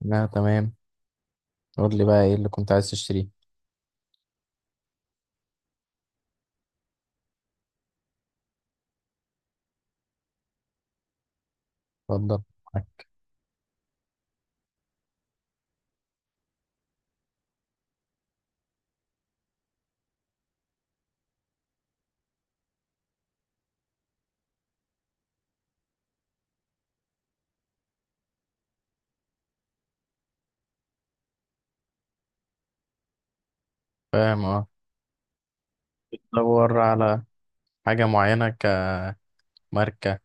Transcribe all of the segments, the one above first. لا، تمام. قول لي بقى ايه اللي كنت عايز تشتريه؟ اتفضل، معاك. فاهم، اه. بتدور على حاجة معينة؟ كماركة،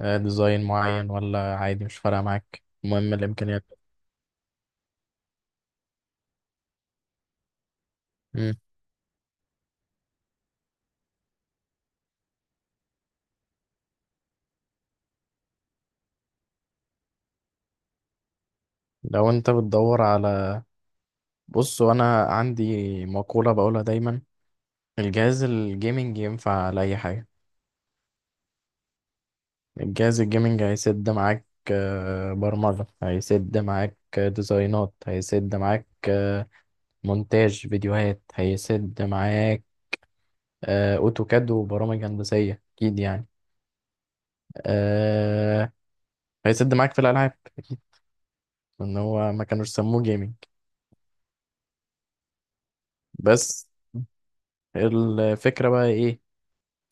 ديزاين معين، ولا عادي مش فارقة معاك؟ المهم الإمكانيات. مم. لو انت بتدور على، بص، وانا عندي مقولة بقولها دايما: الجهاز الجيمنج ينفع لأي حاجة. الجهاز الجيمنج هيسد معاك برمجة، هيسد معاك ديزاينات، هيسد معاك مونتاج فيديوهات، هيسد معاك اوتوكاد وبرامج هندسيه، اكيد يعني. آه، هيسد معاك في الالعاب، ان هو ما كانوش سموه جيمنج. بس الفكره بقى ايه؟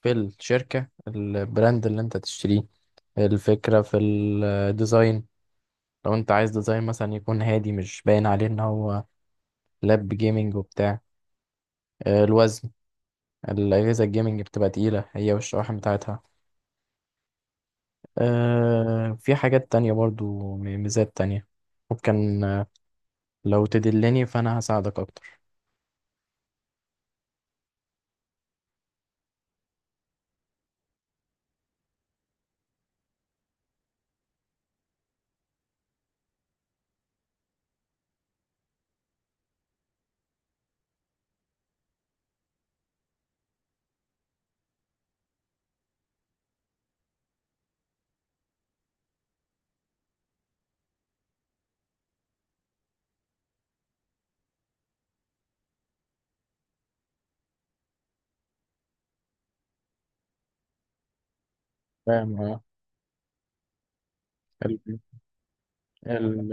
في الشركه، البراند اللي انت تشتريه، الفكره في الديزاين. لو انت عايز ديزاين مثلا يكون هادي، مش باين عليه ان هو لاب جيمنج وبتاع. الوزن، الاجهزه الجيمنج بتبقى تقيله هي والشواحن بتاعتها. في حاجات تانية برضو، ميزات تانية ممكن، لو تدلني فانا هساعدك اكتر. فاهم، اه. ال- ال-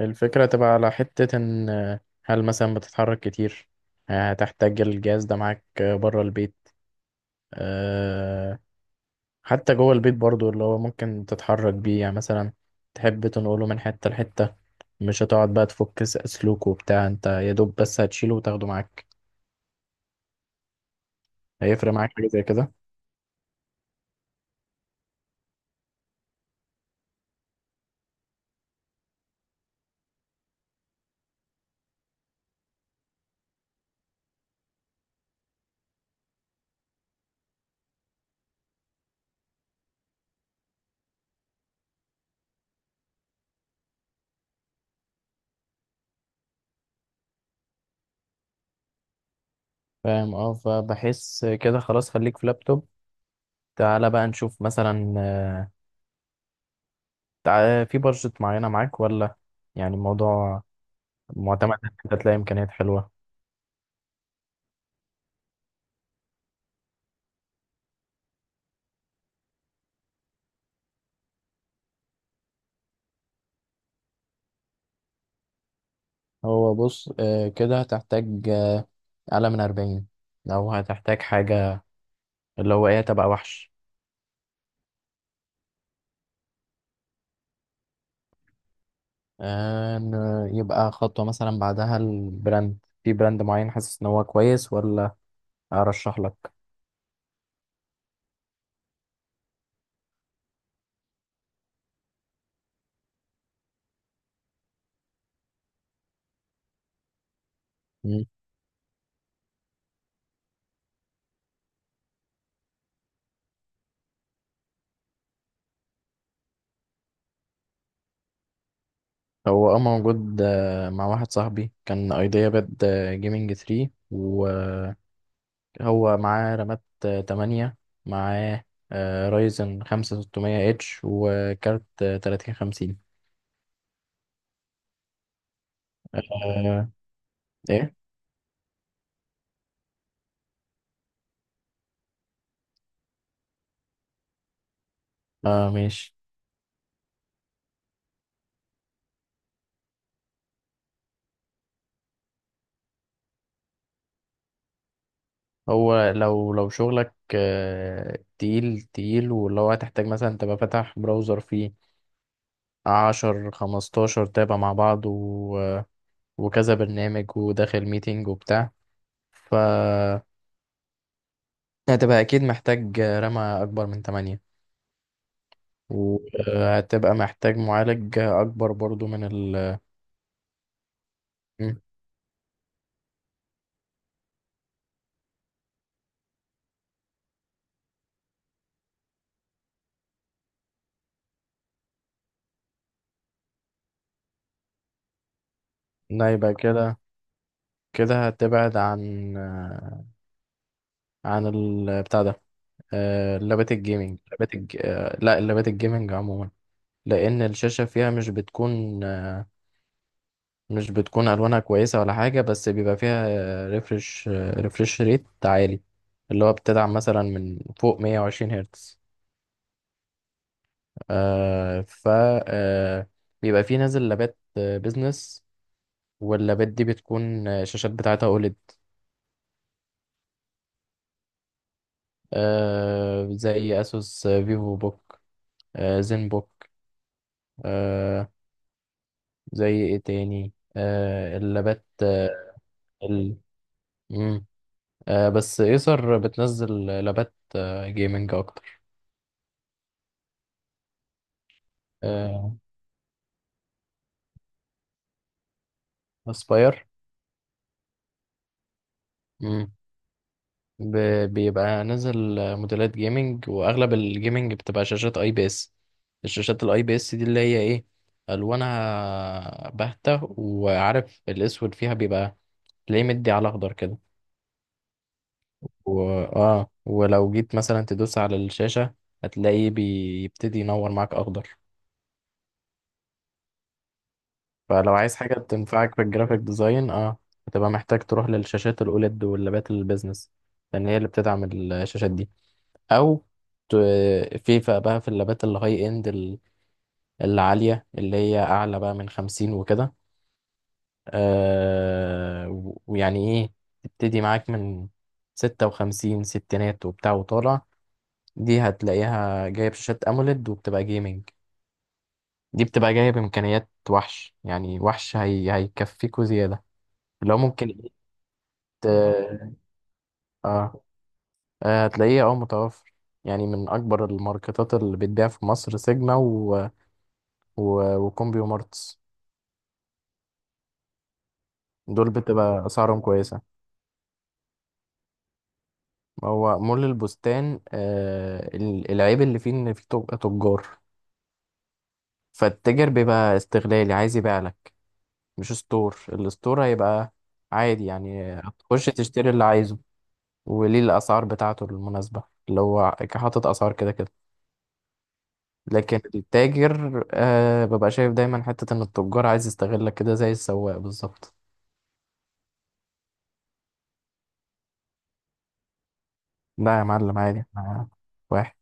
الفكرة تبقى على حتة ان هل مثلا بتتحرك كتير، هتحتاج الجهاز ده معاك بره البيت؟ آه، حتى جوه البيت برضو اللي هو ممكن تتحرك بيه، يعني مثلا تحب تنقله من حتة لحتة، مش هتقعد بقى تفك سلوك وبتاع، انت يا دوب بس هتشيله وتاخده معاك. هيفرق معاك حاجة زي كده؟ فاهم، اه. فبحس كده خلاص، خليك في لابتوب. تعالى بقى نشوف مثلا، في بادجت معينة معاك، ولا يعني الموضوع معتمد إن أنت تلاقي إمكانيات حلوة؟ هو بص، كده هتحتاج أعلى من أربعين لو هتحتاج حاجة اللي هو إيه، تبقى وحش. إن يبقى خطوة مثلا بعدها البراند، في براند معين حاسس إن هو كويس، ولا أرشح لك؟ مم. هو موجود مع واحد صاحبي، كان أيديا باد جيمنج 3. هو معاه رامات 8، معاه رايزن 5600 اتش، وكارت 3050. آه. ايه. اه، ماشي. هو لو شغلك تقيل تقيل، واللي هو هتحتاج مثلا تبقى فاتح براوزر فيه 10 15 تابع مع بعض، و... آه، وكذا برنامج، وداخل ميتنج وبتاع، ف هتبقى اكيد محتاج رامة اكبر من 8، وهتبقى محتاج معالج اكبر برضو من ال لا، يبقى كده. كده هتبعد عن عن بتاع ده، لابات الجيمنج، لابات الج... آه، لا، اللابات الجيمنج عموما. لأن الشاشة فيها مش بتكون ألوانها كويسة ولا حاجة، بس بيبقى فيها ريفرش ريفرش ريت عالي، اللي هو بتدعم مثلا من فوق 120 هرتز. آه، ف آه، بيبقى فيه نازل لابات بيزنس، واللابات دي بتكون الشاشات بتاعتها أوليد، زي اسوس فيفو بوك، زين بوك، آه زي ايه تاني؟ اللابات، ال... مم. بس ايسر بتنزل لابات جيمنج اكتر. آه اسباير. مم. ب... بيبقى نازل موديلات جيمنج، واغلب الجيمنج بتبقى شاشات اي بي اس. الشاشات الاي بي اس دي اللي هي ايه، الوانها باهتة، وعارف الاسود فيها بيبقى تلاقيه مدي على اخضر كده. و... اه، ولو جيت مثلا تدوس على الشاشة، هتلاقيه بيبتدي ينور معاك اخضر. فلو عايز حاجة تنفعك في الجرافيك ديزاين، اه، هتبقى محتاج تروح للشاشات الاوليد واللابات البيزنس، لان هي اللي بتدعم الشاشات دي. او ت... في بقى في اللابات الهاي اند، العالية، اللي هي اعلى بقى من خمسين وكده. ويعني ايه، تبتدي معاك من ستة وخمسين، ستينات وبتاع وطالع. دي هتلاقيها جاية بشاشات أموليد وبتبقى جيمنج. دي بتبقى جاية بإمكانيات وحش، يعني وحش. هيكفيكوا زيادة لو ممكن إيه. ت- آه هتلاقيه اه، متوفر، يعني من أكبر الماركتات اللي بتبيع في مصر سيجما، وكومبيو مارتس. دول بتبقى أسعارهم كويسة. هو مول البستان، العيب اللي فيه إن فيه تجار، فالتاجر بيبقى استغلالي عايز يبيع، مش ستور. الستور هيبقى عادي، يعني هتخش تشتري اللي عايزه، وليه الأسعار بتاعته المناسبة، اللي هو حاطط أسعار كده كده. لكن التاجر ببقى شايف دايما حتة إن التجار عايز يستغلك كده، زي السواق بالظبط. لا يا معلم، عادي، احنا واحد.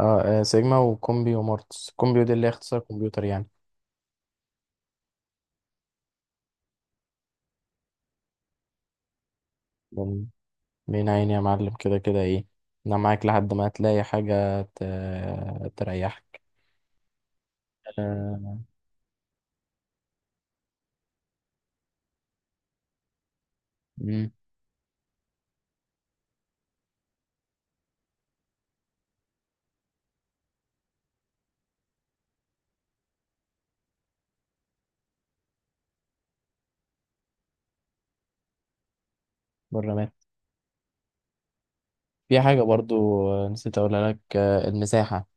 اه، سيجما وكومبي ومورتس، كومبي دي اللي هي اختصار كمبيوتر يعني. بن- بين عيني يا معلم، كده كده ايه، انا معاك لحد ما هتلاقي حاجة تريحك. آه، مم، بالرمات. في حاجة برضو نسيت أقولها لك، المساحة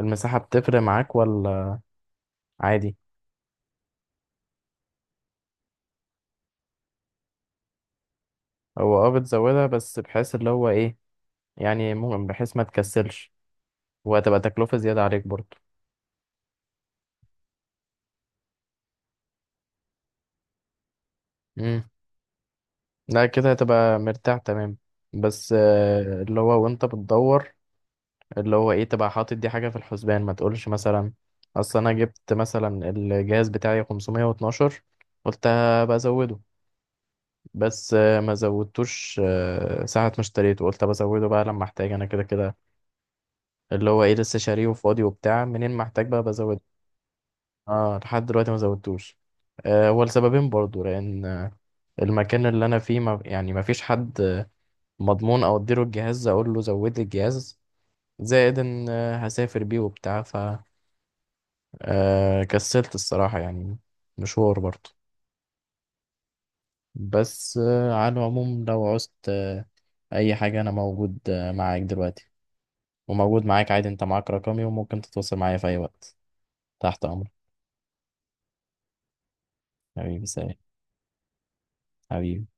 المساحة بتفرق معاك، ولا عادي؟ هو اه، بتزودها، بس بحيث اللي هو ايه، يعني ممكن بحيث ما تكسلش، وهتبقى تكلفة زيادة عليك برضو. مم. لا، كده هتبقى مرتاح تمام. بس اللي هو وانت بتدور، اللي هو ايه، تبقى حاطط دي حاجة في الحسبان، ما تقولش مثلا اصل انا جبت مثلا الجهاز بتاعي 512، قلت بزوده، بس ما زودتوش. ساعة ما اشتريته قلت بزوده بقى لما احتاج، انا كده كده اللي هو ايه لسه شاريه وفاضي وبتاع، منين ما احتاج بقى بزوده. اه، لحد دلوقتي ما زودتوش. هو لسببين برضو، لان المكان اللي انا فيه ما فيش حد مضمون او اديله الجهاز اقول له زود لي الجهاز، زائد ان هسافر بيه وبتاع، ف كسلت الصراحة يعني، مشوار برضو. بس على العموم، لو عوزت اي حاجة، انا موجود معاك دلوقتي، وموجود معاك عادي، انت معاك رقمي وممكن تتواصل معايا في اي وقت. تحت امرك. حبيبي، سلام. حبيبي.